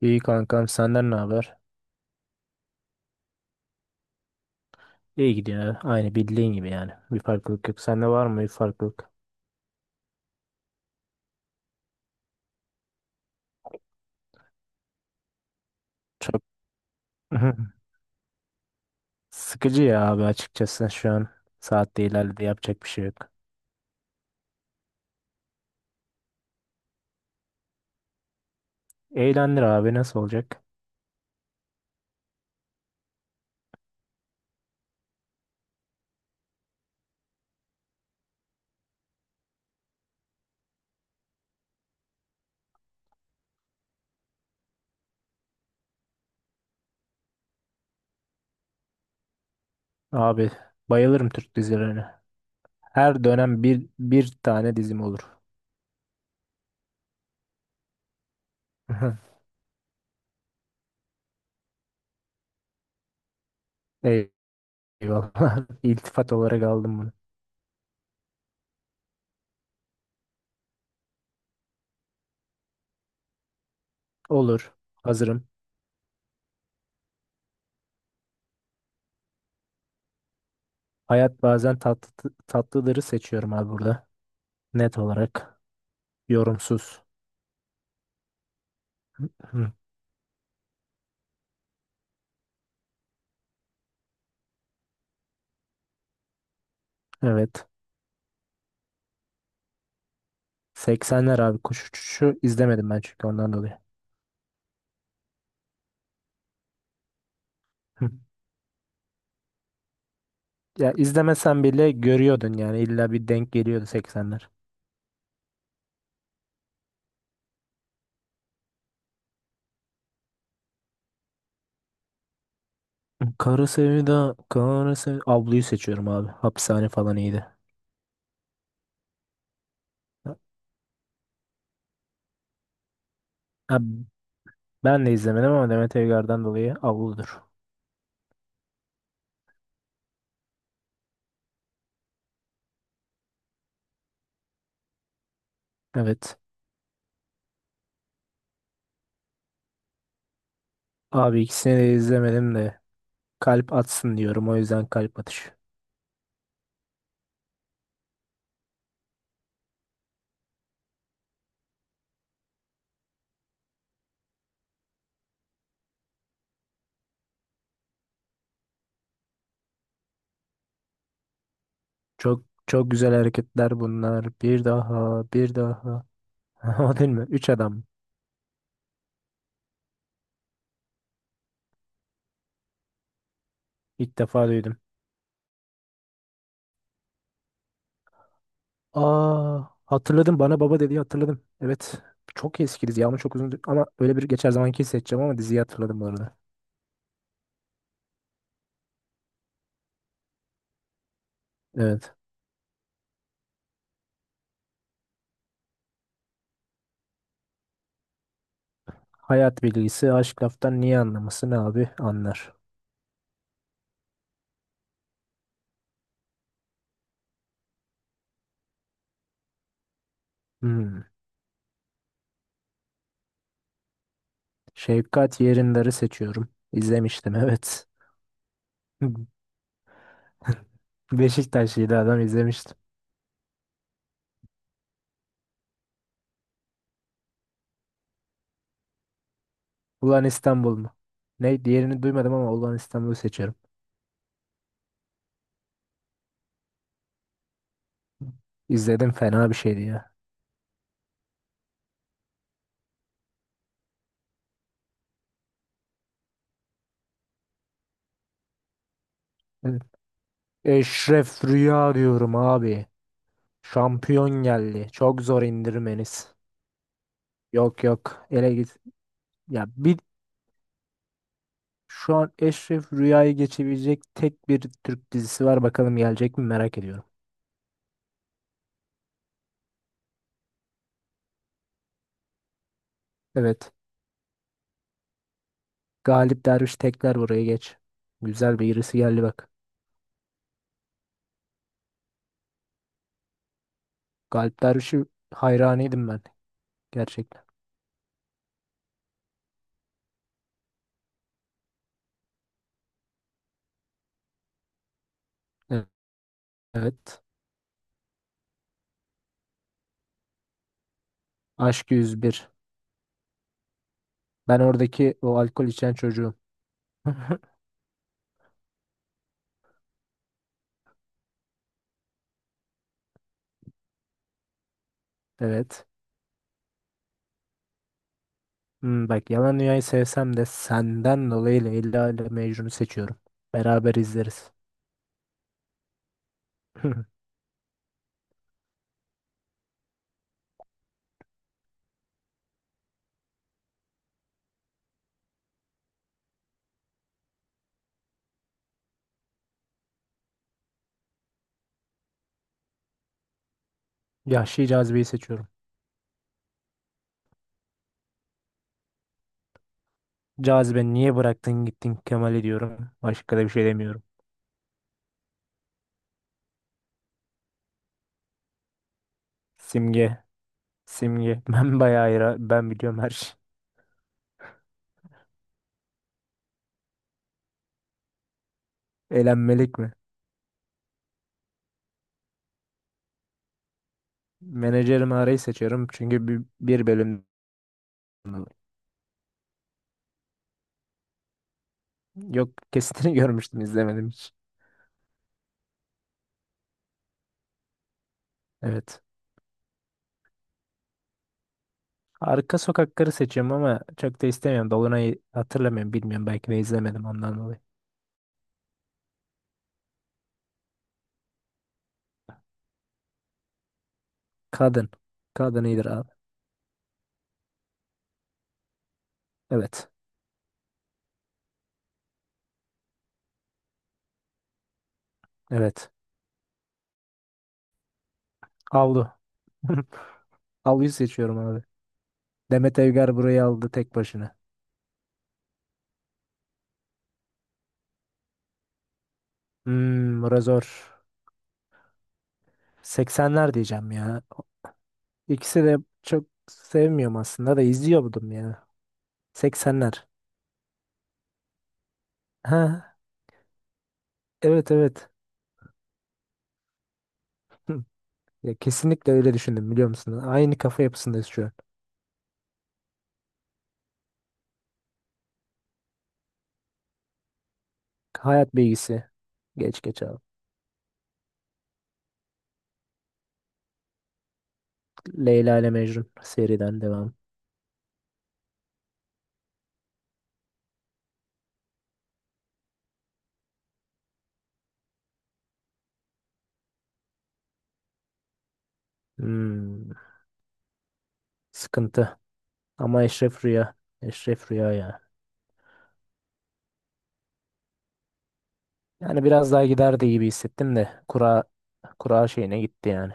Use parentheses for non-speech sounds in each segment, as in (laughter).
İyi kankam, senden ne haber? İyi gidiyor. Aynı bildiğin gibi yani. Bir farklılık yok. Sende var mı bir farklılık? Çok (laughs) sıkıcı ya abi, açıkçası şu an. Saat de ilerledi, yapacak bir şey yok. Eğlendir abi, nasıl olacak? Abi, bayılırım Türk dizilerine. Her dönem bir tane dizim olur. (laughs) Eyvallah. (laughs) İltifat olarak aldım bunu. Olur. Hazırım. Hayat bazen tatlı, tatlıları seçiyorum abi burada. Net olarak. Yorumsuz. Hı, evet. 80'ler abi, kuş uçuşu izlemedim ben, çünkü ondan dolayı. Hı. Ya izlemesen bile görüyordun yani, illa bir denk geliyordu 80'ler. Kara Sevda, Kara Sevda. Ablu'yu seçiyorum abi. Hapishane falan iyiydi. Ha, ben de izlemedim ama Demet Evgar'dan dolayı Ablu'dur. Evet. Abi, ikisini de izlemedim de kalp atsın diyorum, o yüzden kalp atışı. Çok çok güzel hareketler bunlar. Bir daha, bir daha. (laughs) O değil mi? Üç adam. İlk defa duydum. Aa, hatırladım. Bana baba dediği, hatırladım. Evet. Çok eski dizi ama çok uzun, ama öyle bir geçer zamanki seçeceğim, ama diziyi hatırladım bu arada. Evet. Hayat bilgisi, aşk laftan niye anlaması, ne abi anlar. Hmm. Şefkat Yerindar'ı seçiyorum. İzlemiştim, evet. (laughs) Beşiktaşlıydı adam, izlemiştim. Ulan İstanbul mu? Ne, diğerini duymadım ama Ulan İstanbul'u seçiyorum. İzledim, fena bir şeydi ya. Evet. Eşref Rüya diyorum abi. Şampiyon geldi. Çok zor indirmeniz. Yok yok, ele git. Ya bir, şu an Eşref Rüya'yı geçebilecek tek bir Türk dizisi var. Bakalım gelecek mi, merak ediyorum. Evet. Galip Derviş, tekrar buraya geç. Güzel bir irisi geldi bak. Galip Derviş'i hayranıydım ben. Gerçekten. E- Evet. Aşk 101. Ben oradaki o alkol içen çocuğum. (laughs) Evet. Bak, Yalan Dünya'yı sevsem de senden dolayı Leyla ile Mecnun'u seçiyorum. Beraber izleriz. (laughs) Yahşi Cazibe'yi seçiyorum. Cazibe, niye bıraktın gittin Kemal'i, diyorum. Başka da bir şey demiyorum. Simge, Simge. (laughs) Ben bayağı ben biliyorum her şey. Eğlenmelik mi? Menajerimi arayı seçiyorum, çünkü bir bölüm, yok, kesitini (laughs) görmüştüm, izlemedim hiç. Evet. Arka sokakları seçiyorum ama çok da istemiyorum. Dolunay'ı hatırlamıyorum, bilmiyorum, belki de izlemedim, ondan dolayı. Kadın. Kadın iyidir abi. Evet. Evet. Avlu. (laughs) Avluyu seçiyorum abi. Demet Evgar burayı aldı tek başına. Bura zor. 80'ler diyeceğim ya. İkisi de çok sevmiyorum aslında, da izliyordum ya. 80'ler. Ha, evet evet. Hı, ya kesinlikle öyle düşündüm, biliyor musun? Aynı kafa yapısındayız şu an. Hayat bilgisi. Geç geç al. Leyla ile Mecnun, seriden devam. Hmm, sıkıntı. Ama Eşref Rüya. Eşref Rüya ya. Yani biraz daha giderdi gibi hissettim de, kura şeyine gitti yani.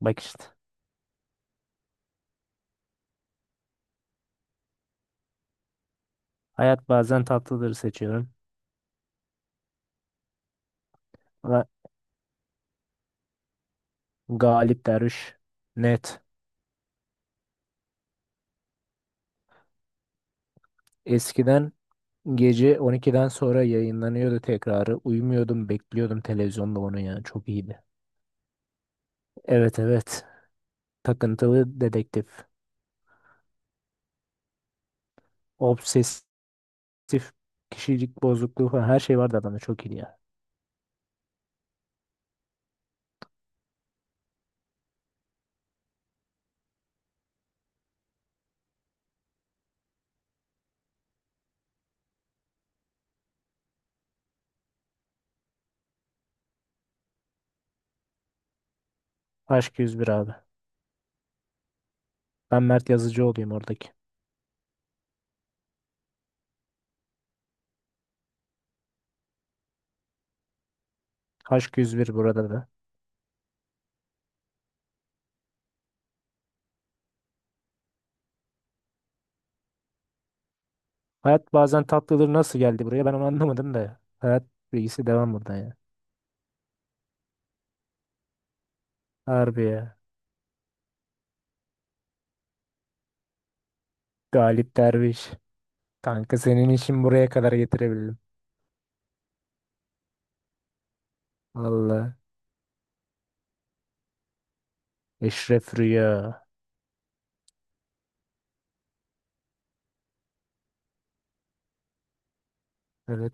Bak işte. Hayat bazen tatlıdır, seçiyorum. Galip Derviş. Net. Eskiden gece 12'den sonra yayınlanıyordu tekrarı. Uyumuyordum, bekliyordum televizyonda onu ya. Çok iyiydi. Evet evet. Takıntılı dedektif. Obsesif kişilik bozukluğu falan, her şey vardı adamda. Çok iyiydi ya. Aşk 101 abi. Ben Mert Yazıcı olayım oradaki. Aşk 101 burada da. Hayat bazen tatlıdır, nasıl geldi buraya, ben onu anlamadım da. Hayat bilgisi devam buradan ya. Harbi ya. Galip Derviş. Kanka, senin işin buraya kadar, getirebildim. Valla. Eşref Rüya. Evet.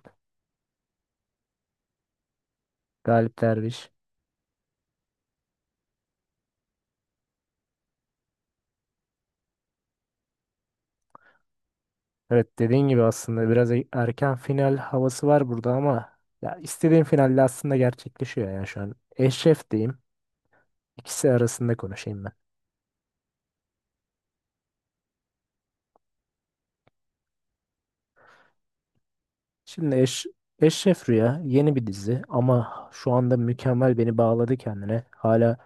Galip Derviş. Evet, dediğin gibi aslında biraz erken final havası var burada, ama ya istediğim finalle aslında gerçekleşiyor ya şu an. Eşref diyeyim. İkisi arasında konuşayım ben. Şimdi Eşref Rüya yeni bir dizi ama şu anda mükemmel beni bağladı kendine. Hala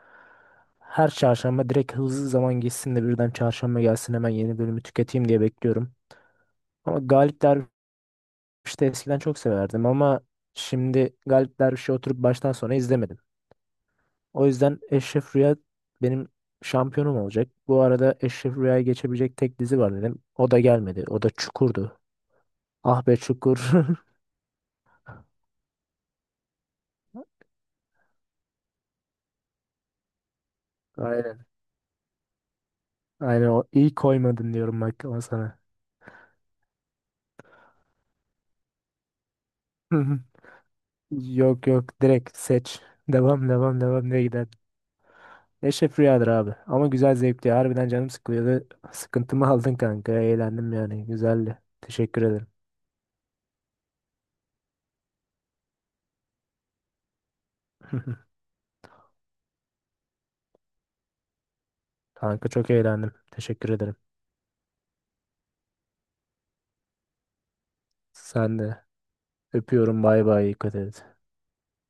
her çarşamba direkt, hızlı zaman geçsin de birden çarşamba gelsin, hemen yeni bölümü tüketeyim diye bekliyorum. Ama Galip Derviş, İşte eskiden çok severdim ama şimdi Galip Derviş'i oturup baştan sona izlemedim. O yüzden Eşref Rüya benim şampiyonum olacak. Bu arada Eşref Rüya'yı geçebilecek tek dizi var, dedim. O da gelmedi. O da Çukur'du. Ah be Çukur. (laughs) Aynen. Aynen, o iyi koymadın diyorum bak ama sana. (laughs) Yok yok, direkt seç. Devam devam devam diye gider. Eşref Rüya'dır abi. Ama güzel, zevkli. Harbiden canım sıkılıyordu. Sıkıntımı aldın kanka. Eğlendim yani. Güzeldi. Teşekkür ederim. (laughs) Kanka, çok eğlendim. Teşekkür ederim. Sen de. Öpüyorum. Bay bay. Dikkat et.